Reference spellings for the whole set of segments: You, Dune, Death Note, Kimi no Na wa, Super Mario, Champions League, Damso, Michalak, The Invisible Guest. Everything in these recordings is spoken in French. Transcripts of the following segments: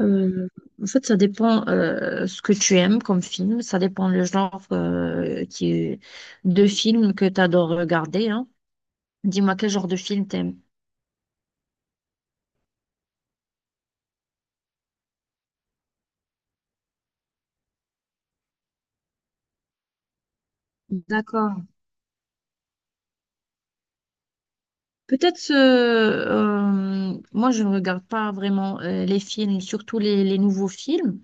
Euh, en fait, ça dépend ce que tu aimes comme film, ça dépend le genre de film que tu adores regarder, hein. Dis-moi quel genre de film t'aimes. D'accord. Peut-être, moi je ne regarde pas vraiment les films, surtout les nouveaux films,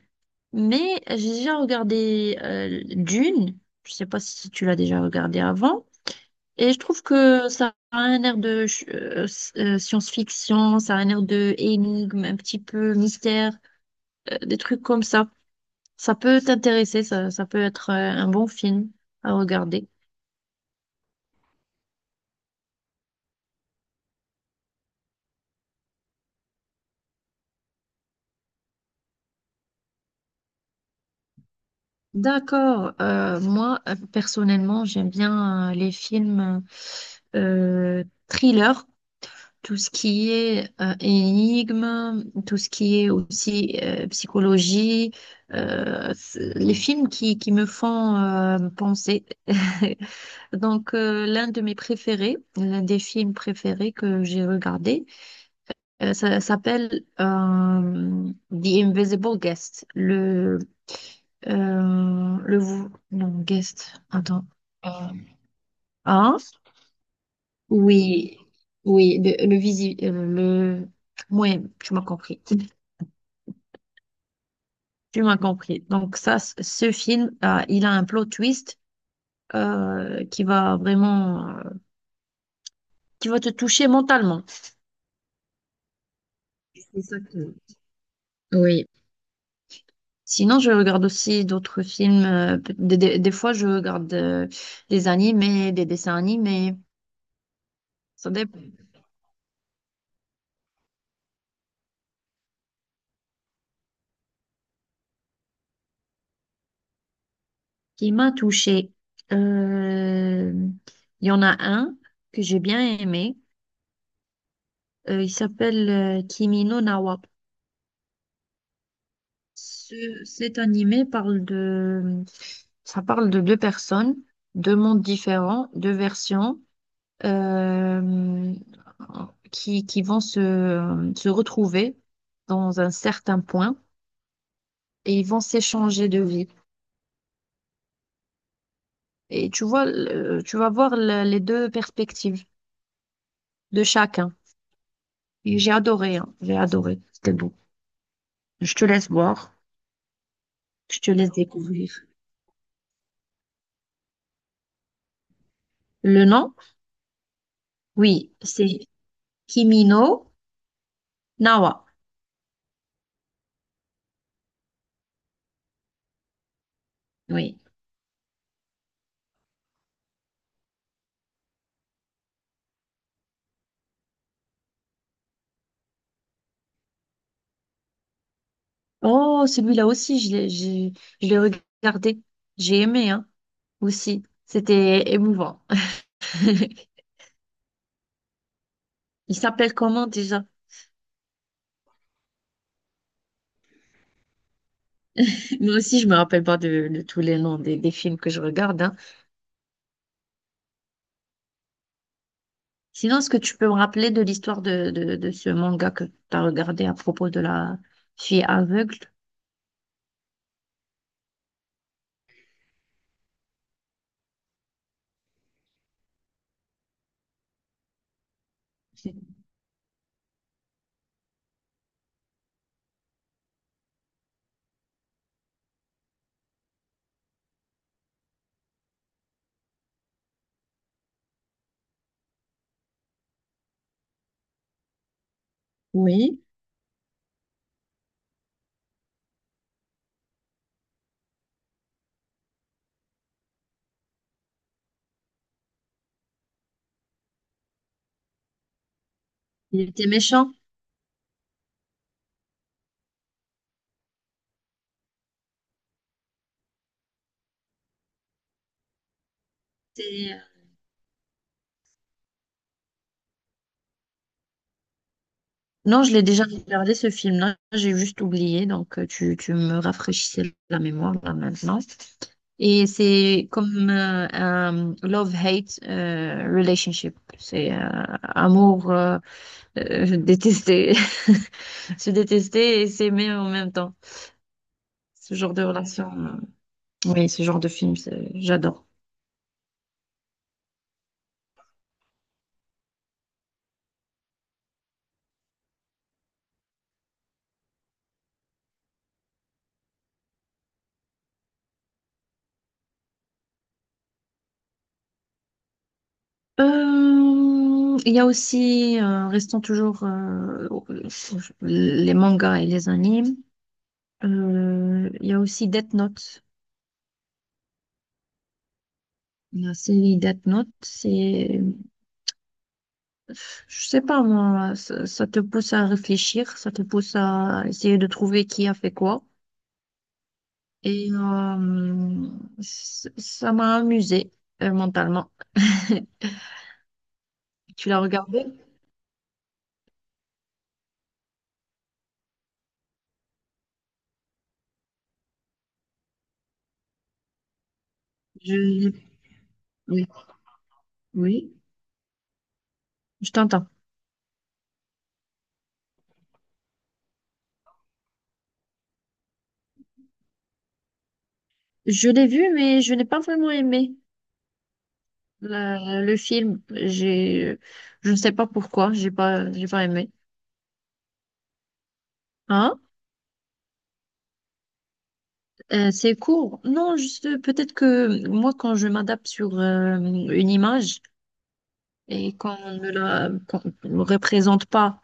mais j'ai déjà regardé Dune, je ne sais pas si tu l'as déjà regardé avant. Et je trouve que ça a un air de science-fiction, ça a un air de énigme, un petit peu mystère, des trucs comme ça. Ça peut t'intéresser, ça peut être un bon film à regarder. D'accord, moi personnellement j'aime bien les films thriller, tout ce qui est énigme, tout ce qui est aussi psychologie, les films qui me font penser. Donc, l'un de mes préférés, l'un des films préférés que j'ai regardé, ça s'appelle The Invisible Guest. Le, vou- non, guest, attends. Euh, hein? Oui, oui, ouais, tu m'as compris. Tu m'as compris. Donc, ce film, il a un plot twist qui va vraiment, qui va te toucher mentalement. C'est ça que... Oui. Sinon, je regarde aussi d'autres films. Des fois, je regarde des animés, des dessins animés. Ça dépend. Qui m'a touchée. Euh, Il y en a un que j'ai bien aimé. Il s'appelle Kimi no Na wa. Cet animé parle de... Ça parle de deux personnes, deux mondes différents, deux versions, euh, qui vont se retrouver dans un certain point. Et ils vont s'échanger de vie. Et tu vois, tu vas voir les deux perspectives de chacun. Et j'ai adoré, hein, j'ai adoré. C'était beau. Je te laisse voir, je te laisse découvrir. Le nom? Oui, c'est Kimino Nawa. Oui. Oh, celui-là aussi, je l'ai regardé. J'ai aimé, hein, aussi. C'était émouvant. Il s'appelle comment déjà? Moi aussi, je me rappelle pas de, de tous les noms des films que je regarde, hein. Sinon, est-ce que tu peux me rappeler de l'histoire de ce manga que tu as regardé à propos de la fille aveugle? Oui. Il était méchant. C'est- euh, Non, je l'ai déjà regardé ce film-là, j'ai juste oublié, donc tu me rafraîchissais la mémoire là maintenant. Et c'est comme un love-hate relationship, c'est amour détesté, se détester et s'aimer en même temps, ce genre de relation. Oui, ce genre de film, j'adore. Il y a aussi, restons toujours les mangas et les animes. Il y a aussi Death Note. La série Death Note, c'est, je sais pas moi, ça te pousse à réfléchir, ça te pousse à essayer de trouver qui a fait quoi. Et ça m'a amusée mentalement. Tu l'as regardé? Je t'entends. Je l'ai vu, mais je n'ai pas vraiment aimé. Le film, je ne sais pas pourquoi, j'ai pas aimé. Hein? C'est court. Non, juste peut-être que moi, quand je m'adapte sur une image et qu'on ne la qu'on me représente pas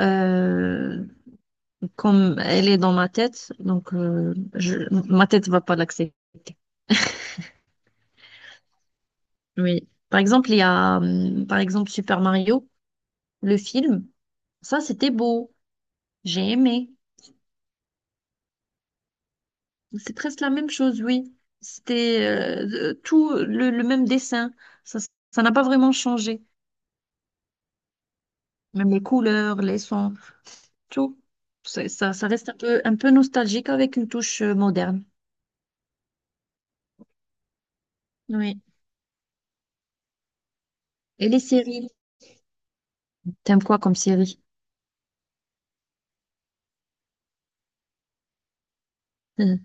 euh, comme elle est dans ma tête, donc ma tête va pas l'accepter. Oui. Par exemple, il y a, par exemple, Super Mario, le film. Ça, c'était beau. J'ai aimé. C'est presque la même chose, oui. C'était tout le même dessin. Ça, Ça n'a pas vraiment changé. Même les couleurs, les sons, tout. Ça, ça reste un peu nostalgique avec une touche moderne. Oui. Et les séries? T'aimes quoi comme série? Hmm.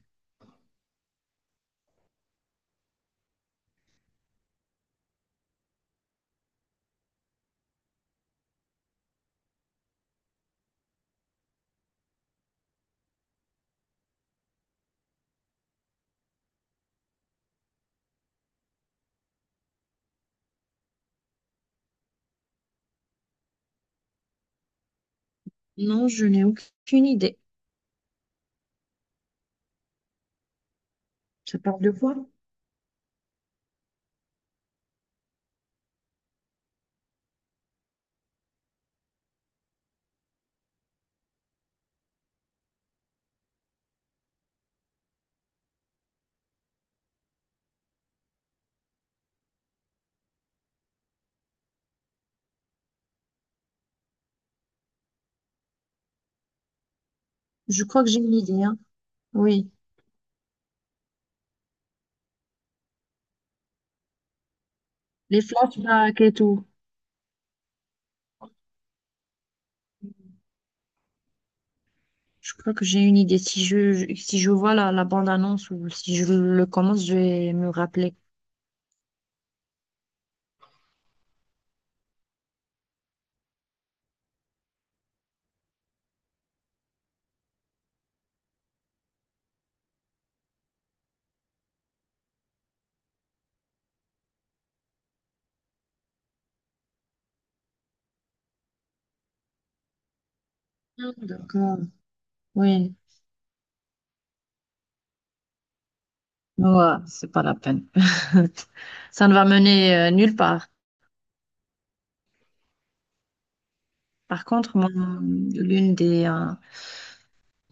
Non, je n'ai aucune idée. Ça parle de quoi? Je crois que j'ai une idée, hein. Oui. Les flashbacks et tout. Je crois que j'ai une idée. Si si je vois la bande-annonce ou si je le commence, je vais me rappeler. Ah, d'accord. Oui, ouais, c'est pas la peine. Ça ne va mener nulle part. Par contre, moi, l'une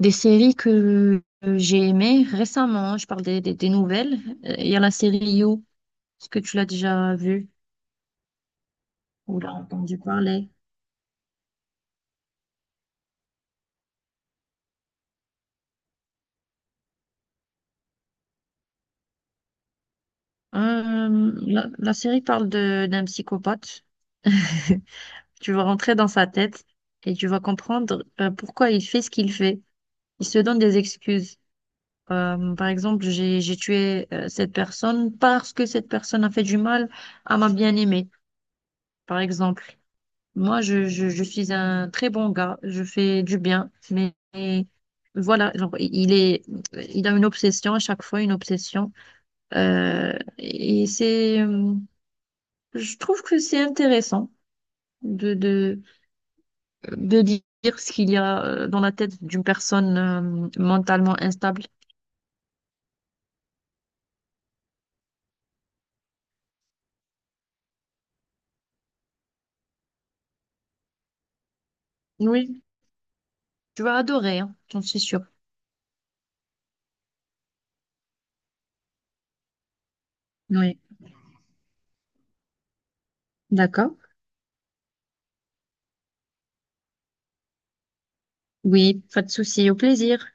des séries que j'ai aimées récemment, je parle des nouvelles, il y a la série You. Est-ce que tu l'as déjà vue ou l'as entendu parler? La série parle de d'un psychopathe. Tu vas rentrer dans sa tête et tu vas comprendre pourquoi il fait ce qu'il fait. Il se donne des excuses. Par exemple, j'ai tué cette personne parce que cette personne a fait du mal à ma bien-aimée, par exemple. Moi, je suis un très bon gars, je fais du bien, mais voilà, genre, il a une obsession à chaque fois, une obsession. Euh, et c'est, euh, je trouve que c'est intéressant de, de, de dire ce qu'il y a dans la tête d'une personne mentalement instable. Oui, tu vas adorer, hein, j'en suis sûre. Oui, d'accord. Oui, pas de souci, au plaisir.